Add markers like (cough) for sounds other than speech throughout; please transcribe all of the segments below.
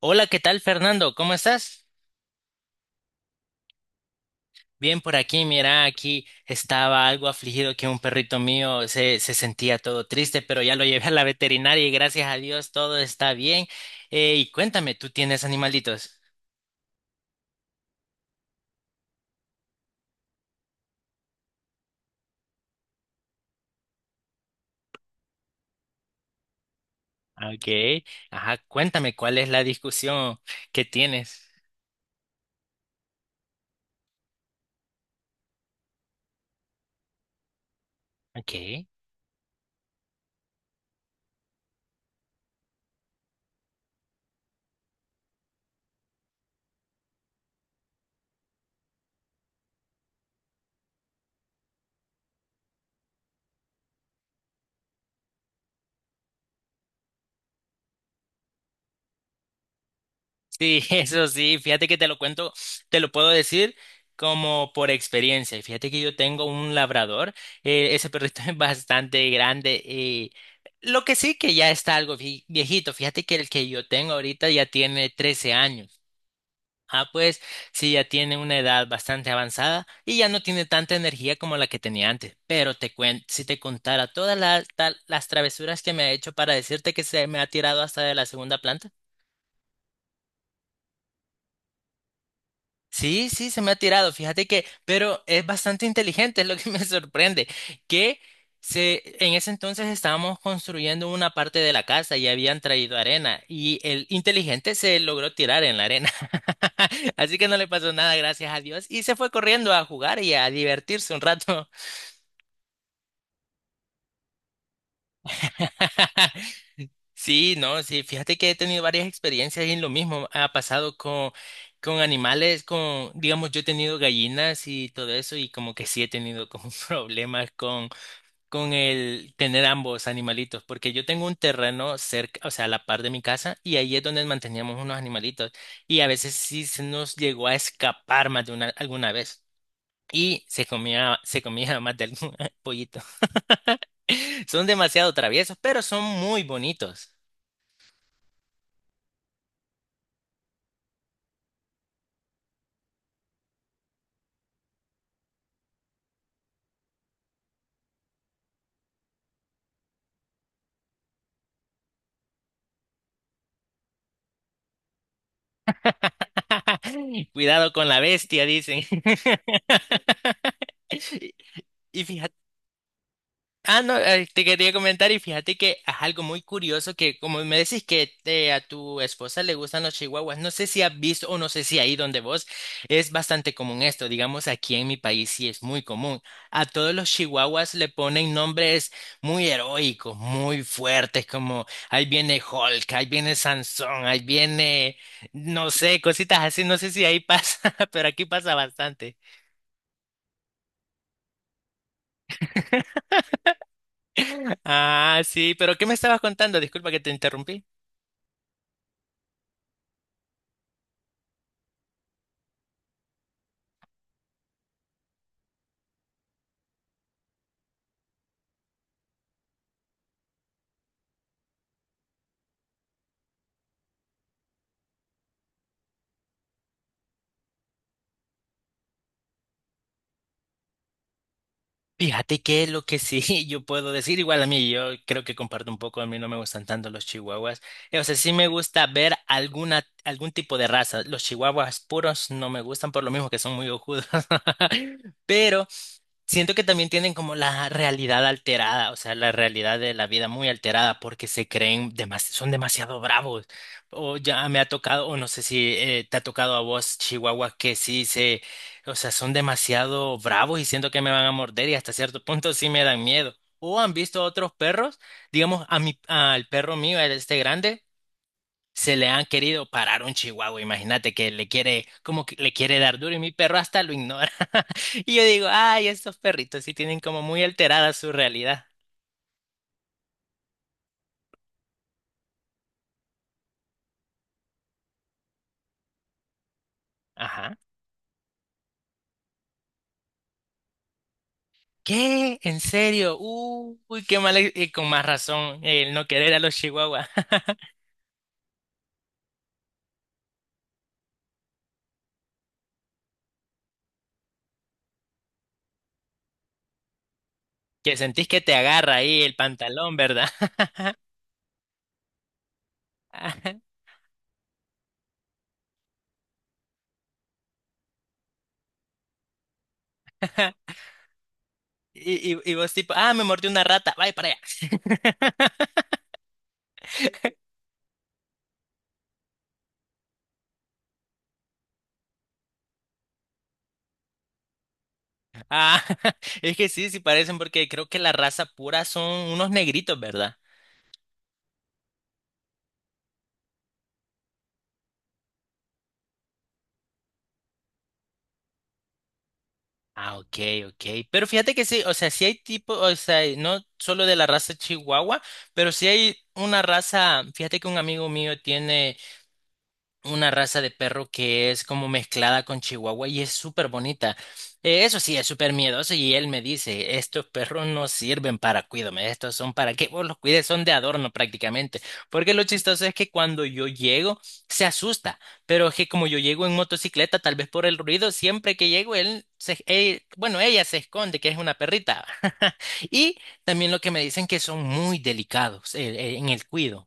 Hola, ¿qué tal, Fernando? ¿Cómo estás? Bien por aquí, mira, aquí estaba algo afligido que un perrito mío se sentía todo triste, pero ya lo llevé a la veterinaria y gracias a Dios todo está bien. Y cuéntame, ¿tú tienes animalitos? Ok, ajá, cuéntame cuál es la discusión que tienes. Ok. Sí, (laughs) eso sí, fíjate que te lo cuento, te lo puedo decir como por experiencia. Y fíjate que yo tengo un labrador. Ese perrito (laughs) es bastante grande y lo que sí que ya está algo viejito. Fíjate que el que yo tengo ahorita ya tiene 13 años. Ah, pues sí, ya tiene una edad bastante avanzada y ya no tiene tanta energía como la que tenía antes. Pero te cuen si te contara todas las, las travesuras que me ha hecho para decirte que se me ha tirado hasta de la segunda planta. Sí, sí, se me ha tirado, fíjate que, pero es bastante inteligente, es lo que me (laughs) sorprende, que en ese entonces estábamos construyendo una parte de la casa y habían traído arena y el inteligente se logró tirar en la arena, (laughs) así que no le pasó nada, gracias a Dios, y se fue corriendo a jugar y a divertirse un rato. (laughs) Sí, no, sí, fíjate que he tenido varias experiencias en lo mismo. Ha pasado con animales, con, digamos, yo he tenido gallinas y todo eso, y como que sí he tenido como (laughs) problemas con el tener ambos animalitos, porque yo tengo un terreno cerca, o sea, a la par de mi casa, y ahí es donde manteníamos unos animalitos, y a veces sí se nos llegó a escapar más de una, alguna vez. Y se comía (laughs) más de algún (laughs) pollito. Son demasiado traviesos, pero son muy bonitos. (laughs) Cuidado con la bestia, dicen. (laughs) Y fíjate, ah, no, te quería comentar y fíjate que es algo muy curioso que como me decís que a tu esposa le gustan los chihuahuas, no sé si has visto o no sé si ahí donde vos es bastante común esto, digamos aquí en mi país sí es muy común. A todos los chihuahuas le ponen nombres muy heroicos, muy fuertes, como ahí viene Hulk, ahí viene Sansón, ahí viene, no sé, cositas así, no sé si ahí pasa, (laughs) pero aquí pasa bastante. Ah, sí, pero ¿qué me estabas contando? Disculpa que te interrumpí. Fíjate que lo que sí (laughs) yo puedo decir, igual a mí, yo creo que comparto un poco, a mí no me gustan tanto los chihuahuas. O sea, sí me gusta ver alguna, algún tipo de raza. Los chihuahuas puros no me gustan por lo mismo que son muy ojudos. (laughs) Pero siento que también tienen como la realidad alterada, o sea, la realidad de la vida muy alterada porque se creen son demasiado bravos. O ya me ha tocado, o no sé si te ha tocado a vos, Chihuahua, que sí se, o sea, son demasiado bravos y siento que me van a morder y hasta cierto punto sí me dan miedo. O han visto otros perros, digamos, a mi, al perro mío, a este grande se le han querido parar un chihuahua, imagínate que le quiere, como que le quiere dar duro y mi perro hasta lo ignora. (laughs) Y yo digo, ay, estos perritos sí tienen como muy alterada su realidad. Ajá. ¿Qué? ¿En serio? Uy, qué mal. Y con más razón, el no querer a los chihuahuas, (laughs) que sentís que te agarra ahí el pantalón, ¿verdad? (laughs) Y vos tipo, ah, me mordió una rata, vaya para allá. (laughs) Ah, (laughs) es que sí, sí parecen porque creo que la raza pura son unos negritos, ¿verdad? Ah, ok, ok. Pero fíjate que sí, o sea, sí hay tipo, o sea, y no solo de la raza Chihuahua, pero sí hay una raza, fíjate que un amigo mío tiene una raza de perro que es como mezclada con Chihuahua y es súper bonita. Eso sí, es súper miedoso y él me dice, estos perros no sirven para cuidarme, estos son para que vos los cuides, son de adorno prácticamente. Porque lo chistoso es que cuando yo llego, se asusta, pero es que como yo llego en motocicleta, tal vez por el ruido, siempre que llego, bueno, ella se esconde, que es una perrita. (laughs) Y también lo que me dicen que son muy delicados en el cuido.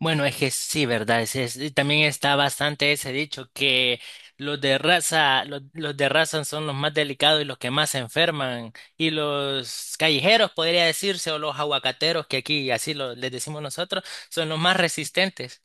Bueno, es que sí, ¿verdad? Y también está bastante ese dicho que los de raza, los de raza son los más delicados y los que más se enferman. Y los callejeros, podría decirse, o los aguacateros, que aquí así les decimos nosotros, son los más resistentes.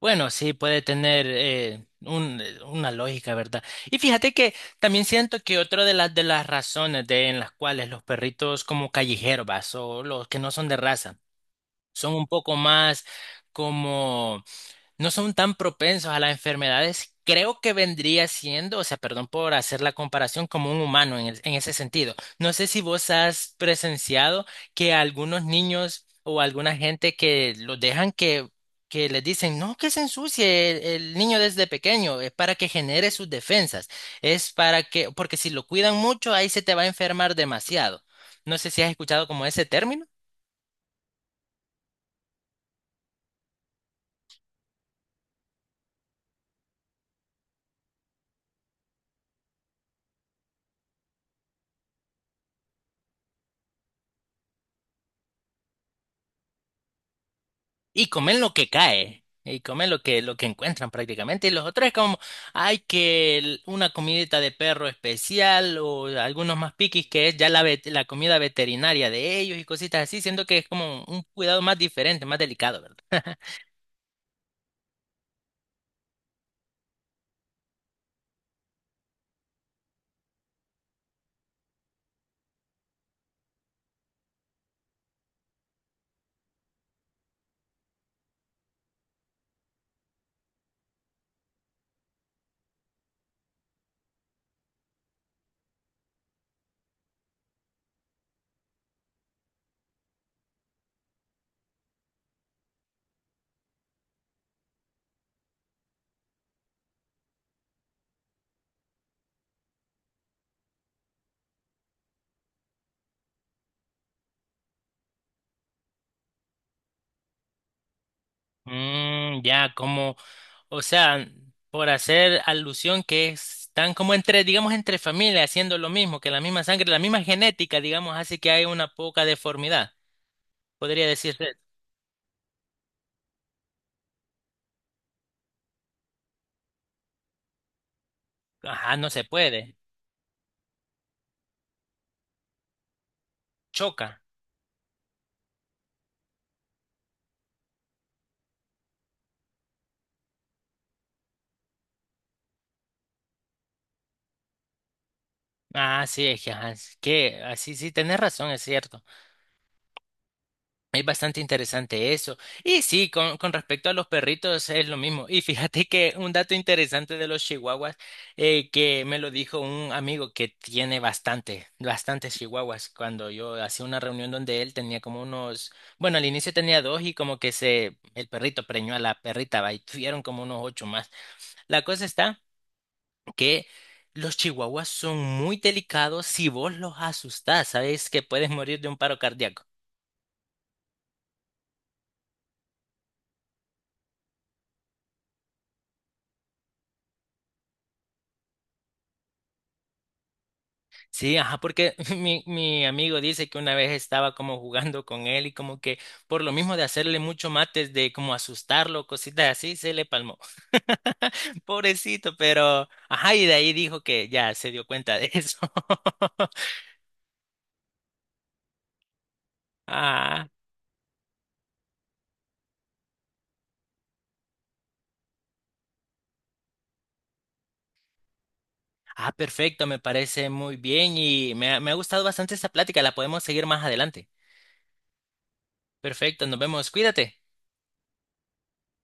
Bueno, sí, puede tener una lógica, ¿verdad? Y fíjate que también siento que otra de de las razones de, en las cuales los perritos como callejeros, vas, o los que no son de raza, son un poco más como no son tan propensos a las enfermedades, creo que vendría siendo, o sea, perdón por hacer la comparación, como un humano en ese sentido. No sé si vos has presenciado que algunos niños o alguna gente que los dejan que les dicen, no, que se ensucie el niño desde pequeño, es para que genere sus defensas, es para que, porque si lo cuidan mucho, ahí se te va a enfermar demasiado. No sé si has escuchado como ese término. Y comen lo que cae. Y comen lo que encuentran prácticamente. Y los otros es como, hay que una comidita de perro especial o algunos más piquis que es ya la comida veterinaria de ellos y cositas así, siendo que es como un cuidado más diferente, más delicado, ¿verdad? Mm, ya, como, o sea, por hacer alusión que están como entre, digamos, entre familias haciendo lo mismo, que la misma sangre, la misma genética, digamos, hace que hay una poca deformidad. Podría decirse, ajá, no se puede, choca. Ah, sí, es que, ajá, es que así sí, sí, tenés razón, es cierto. Es bastante interesante eso. Y sí, con respecto a los perritos es lo mismo. Y fíjate que un dato interesante de los chihuahuas, que me lo dijo un amigo que tiene bastante, bastantes chihuahuas, cuando yo hacía una reunión donde él tenía como unos, bueno, al inicio tenía dos y como que se, el perrito preñó a la perrita, va, y tuvieron como unos ocho más. La cosa está que los chihuahuas son muy delicados si vos los asustás, sabes que puedes morir de un paro cardíaco. Sí, ajá, porque (laughs) mi amigo dice que una vez estaba como jugando con él y como que por lo mismo de hacerle mucho mates, de como asustarlo, cositas así, se le palmó. (laughs) Pobrecito, pero ajá, y de ahí dijo que ya se dio cuenta de eso. (laughs) Ah, ah, perfecto, me parece muy bien y me ha gustado bastante esta plática, la podemos seguir más adelante. Perfecto, nos vemos, cuídate.